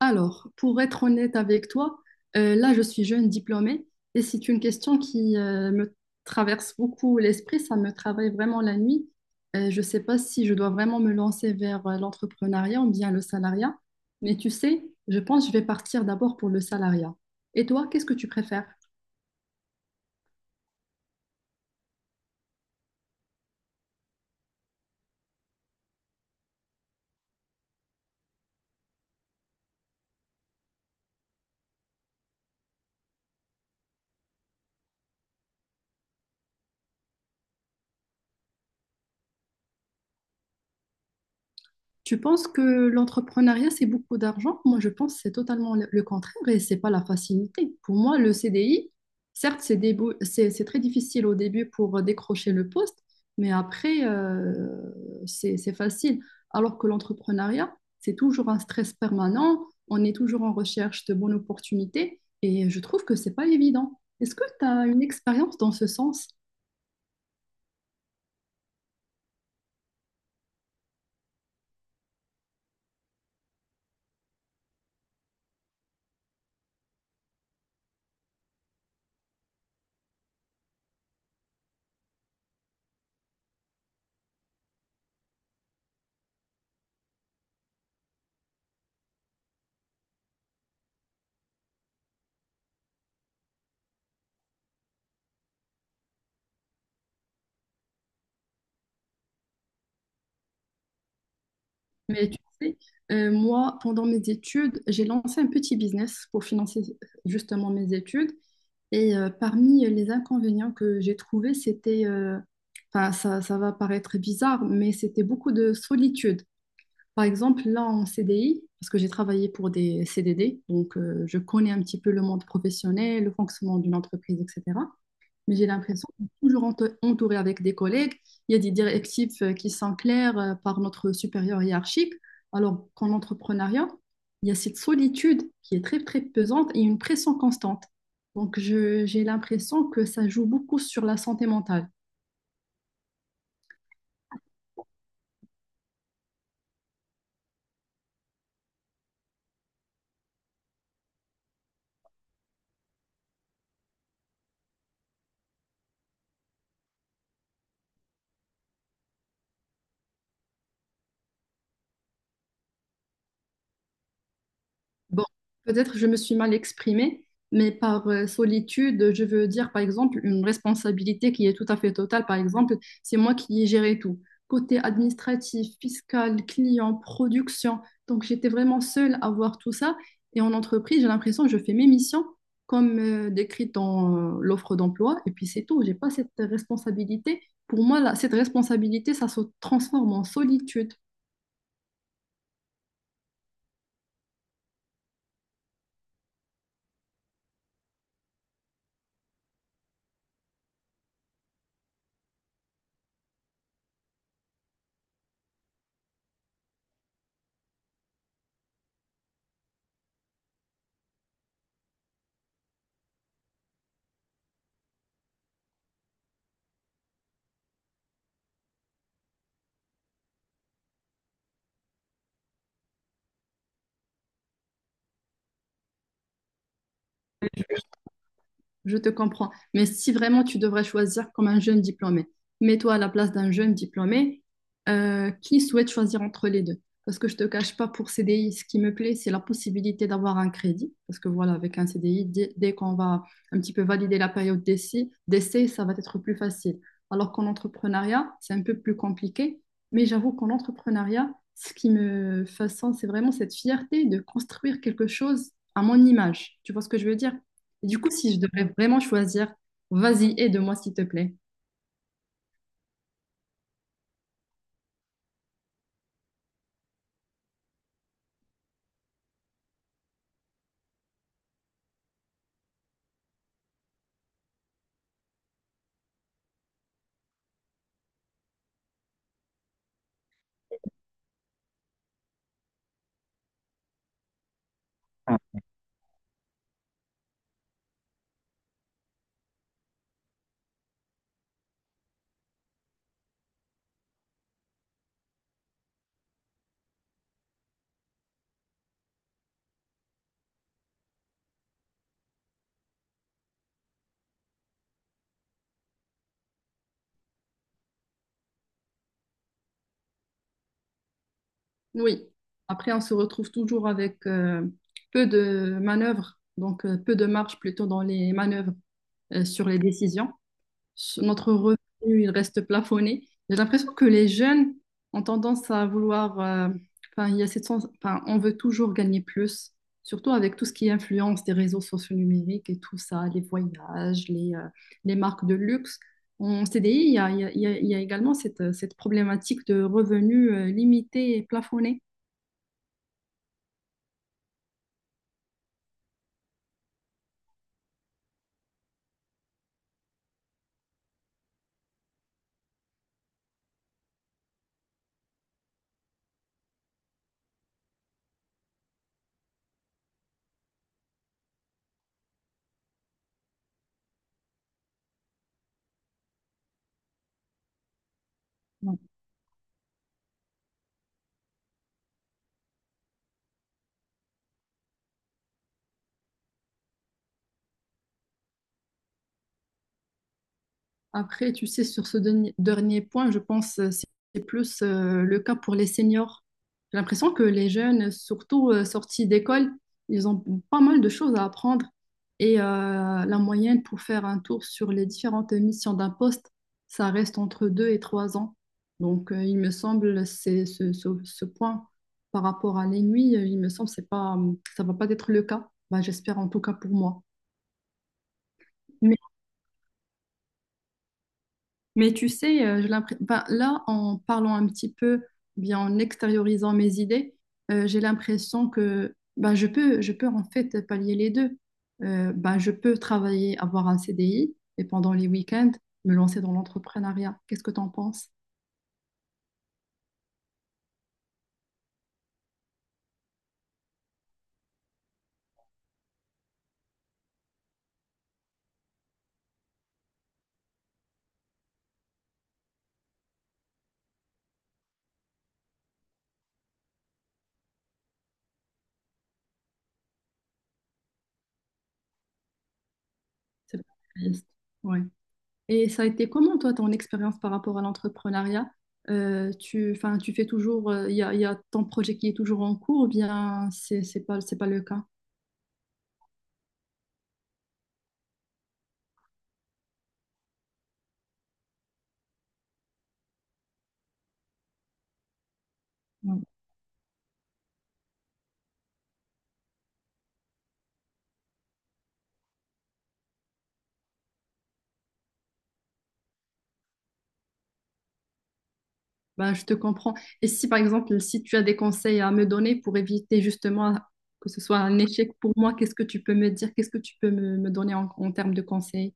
Alors, pour être honnête avec toi, là, je suis jeune diplômée et c'est une question qui me traverse beaucoup l'esprit, ça me travaille vraiment la nuit. Je ne sais pas si je dois vraiment me lancer vers l'entrepreneuriat ou bien le salariat, mais tu sais, je pense que je vais partir d'abord pour le salariat. Et toi, qu'est-ce que tu préfères? Tu penses que l'entrepreneuriat, c'est beaucoup d'argent? Moi, je pense que c'est totalement le contraire et c'est pas la facilité. Pour moi, le CDI, certes, c'est très difficile au début pour décrocher le poste, mais après, c'est facile. Alors que l'entrepreneuriat, c'est toujours un stress permanent, on est toujours en recherche de bonnes opportunités et je trouve que c'est pas évident. Est-ce que tu as une expérience dans ce sens? Mais tu sais, moi, pendant mes études, j'ai lancé un petit business pour financer justement mes études. Et parmi les inconvénients que j'ai trouvés, c'était, enfin, ça va paraître bizarre, mais c'était beaucoup de solitude. Par exemple, là en CDI, parce que j'ai travaillé pour des CDD, donc je connais un petit peu le monde professionnel, le fonctionnement d'une entreprise, etc. Mais j'ai l'impression qu'on est toujours entouré avec des collègues. Il y a des directives qui sont claires par notre supérieur hiérarchique, alors qu'en entrepreneuriat, il y a cette solitude qui est très, très pesante et une pression constante. Donc, j'ai l'impression que ça joue beaucoup sur la santé mentale. Bon, peut-être je me suis mal exprimée, mais par solitude, je veux dire par exemple une responsabilité qui est tout à fait totale. Par exemple, c'est moi qui ai géré tout. Côté administratif, fiscal, client, production. Donc j'étais vraiment seule à voir tout ça. Et en entreprise, j'ai l'impression que je fais mes missions comme décrites dans l'offre d'emploi. Et puis c'est tout. J'ai pas cette responsabilité. Pour moi, là, cette responsabilité, ça se transforme en solitude. Je te comprends. Mais si vraiment tu devrais choisir comme un jeune diplômé, mets-toi à la place d'un jeune diplômé qui souhaite choisir entre les deux. Parce que je ne te cache pas, pour CDI, ce qui me plaît, c'est la possibilité d'avoir un crédit. Parce que voilà, avec un CDI, dès qu'on va un petit peu valider la période d'essai, ça va être plus facile. Alors qu'en entrepreneuriat, c'est un peu plus compliqué. Mais j'avoue qu'en entrepreneuriat, ce qui me façonne, c'est vraiment cette fierté de construire quelque chose à mon image. Tu vois ce que je veux dire? Et du coup, si je devrais vraiment choisir, vas-y, aide-moi, s'il te plaît. Ah. Oui. Après, on se retrouve toujours avec peu de manœuvres, donc peu de marge plutôt dans les manœuvres sur les décisions. Notre revenu, il reste plafonné. J'ai l'impression que les jeunes ont tendance à vouloir, enfin, il y a cette enfin, on veut toujours gagner plus, surtout avec tout ce qui influence des réseaux sociaux numériques et tout ça, les voyages, les marques de luxe. En CDI, il y a également cette problématique de revenus, limités et plafonnés. Après, tu sais, sur ce dernier point, je pense c'est plus le cas pour les seniors. J'ai l'impression que les jeunes, surtout sortis d'école, ils ont pas mal de choses à apprendre. Et la moyenne pour faire un tour sur les différentes missions d'un poste, ça reste entre 2 et 3 ans. Donc, il me semble, c'est ce point par rapport à l'ennui, il me semble, que c'est pas, ça va pas être le cas. Ben, j'espère en tout cas pour moi. Mais tu sais, ben, là, en parlant un petit peu, bien en extériorisant mes idées, j'ai l'impression que ben, je peux en fait pallier les deux. Ben, je peux travailler, avoir un CDI et pendant les week-ends, me lancer dans l'entrepreneuriat. Qu'est-ce que tu en penses? C'est pas réaliste. Ouais. Et ça a été comment, toi, ton expérience par rapport à l'entrepreneuriat? Enfin, tu fais toujours, y a ton projet qui est toujours en cours ou bien c'est pas, c'est pas le cas? Ouais. Bah, je te comprends. Et si, par exemple, si tu as des conseils à me donner pour éviter justement que ce soit un échec pour moi, qu'est-ce que tu peux me dire? Qu'est-ce que tu peux me donner en termes de conseils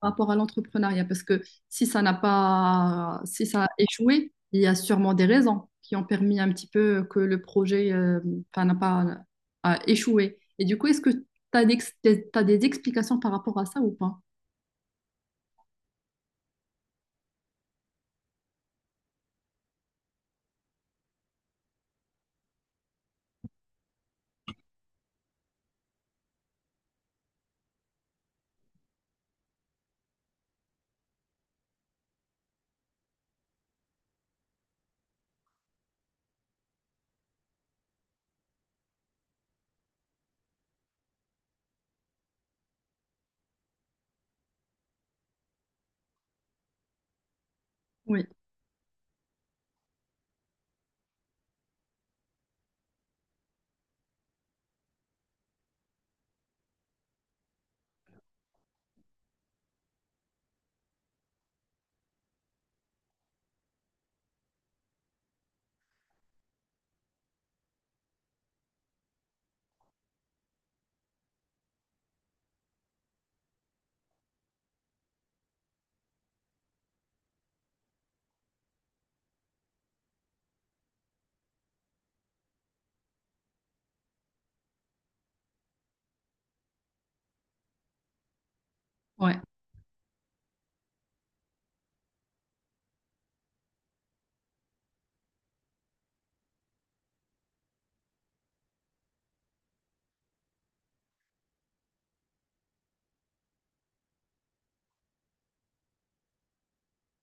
par rapport à l'entrepreneuriat? Parce que si ça a échoué, il y a sûrement des raisons qui ont permis un petit peu que le projet, enfin, n'a pas a échoué. Et du coup, est-ce que tu as des, t'as des explications par rapport à ça ou pas? Oui, ouais.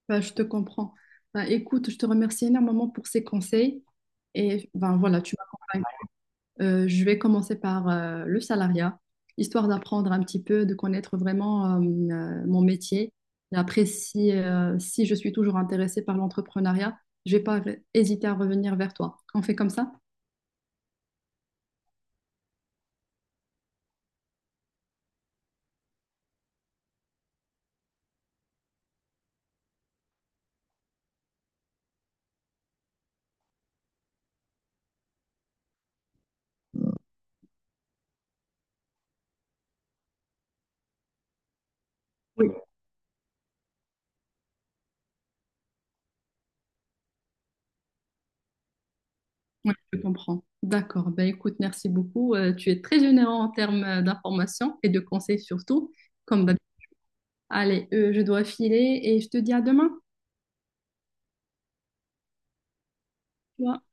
Ben, je te comprends. Ben, écoute, je te remercie énormément pour ces conseils. Et ben, voilà, tu m'as convaincue. Je vais commencer par le salariat, histoire d'apprendre un petit peu, de connaître vraiment mon métier. Et après, si, si je suis toujours intéressée par l'entrepreneuriat, je vais pas hésiter à revenir vers toi. On fait comme ça? Oui. Oui, je comprends. D'accord. Ben, écoute, merci beaucoup. Tu es très généreux en termes d'informations et de conseils surtout, comme Allez, je dois filer et je te dis à demain. Tu vois.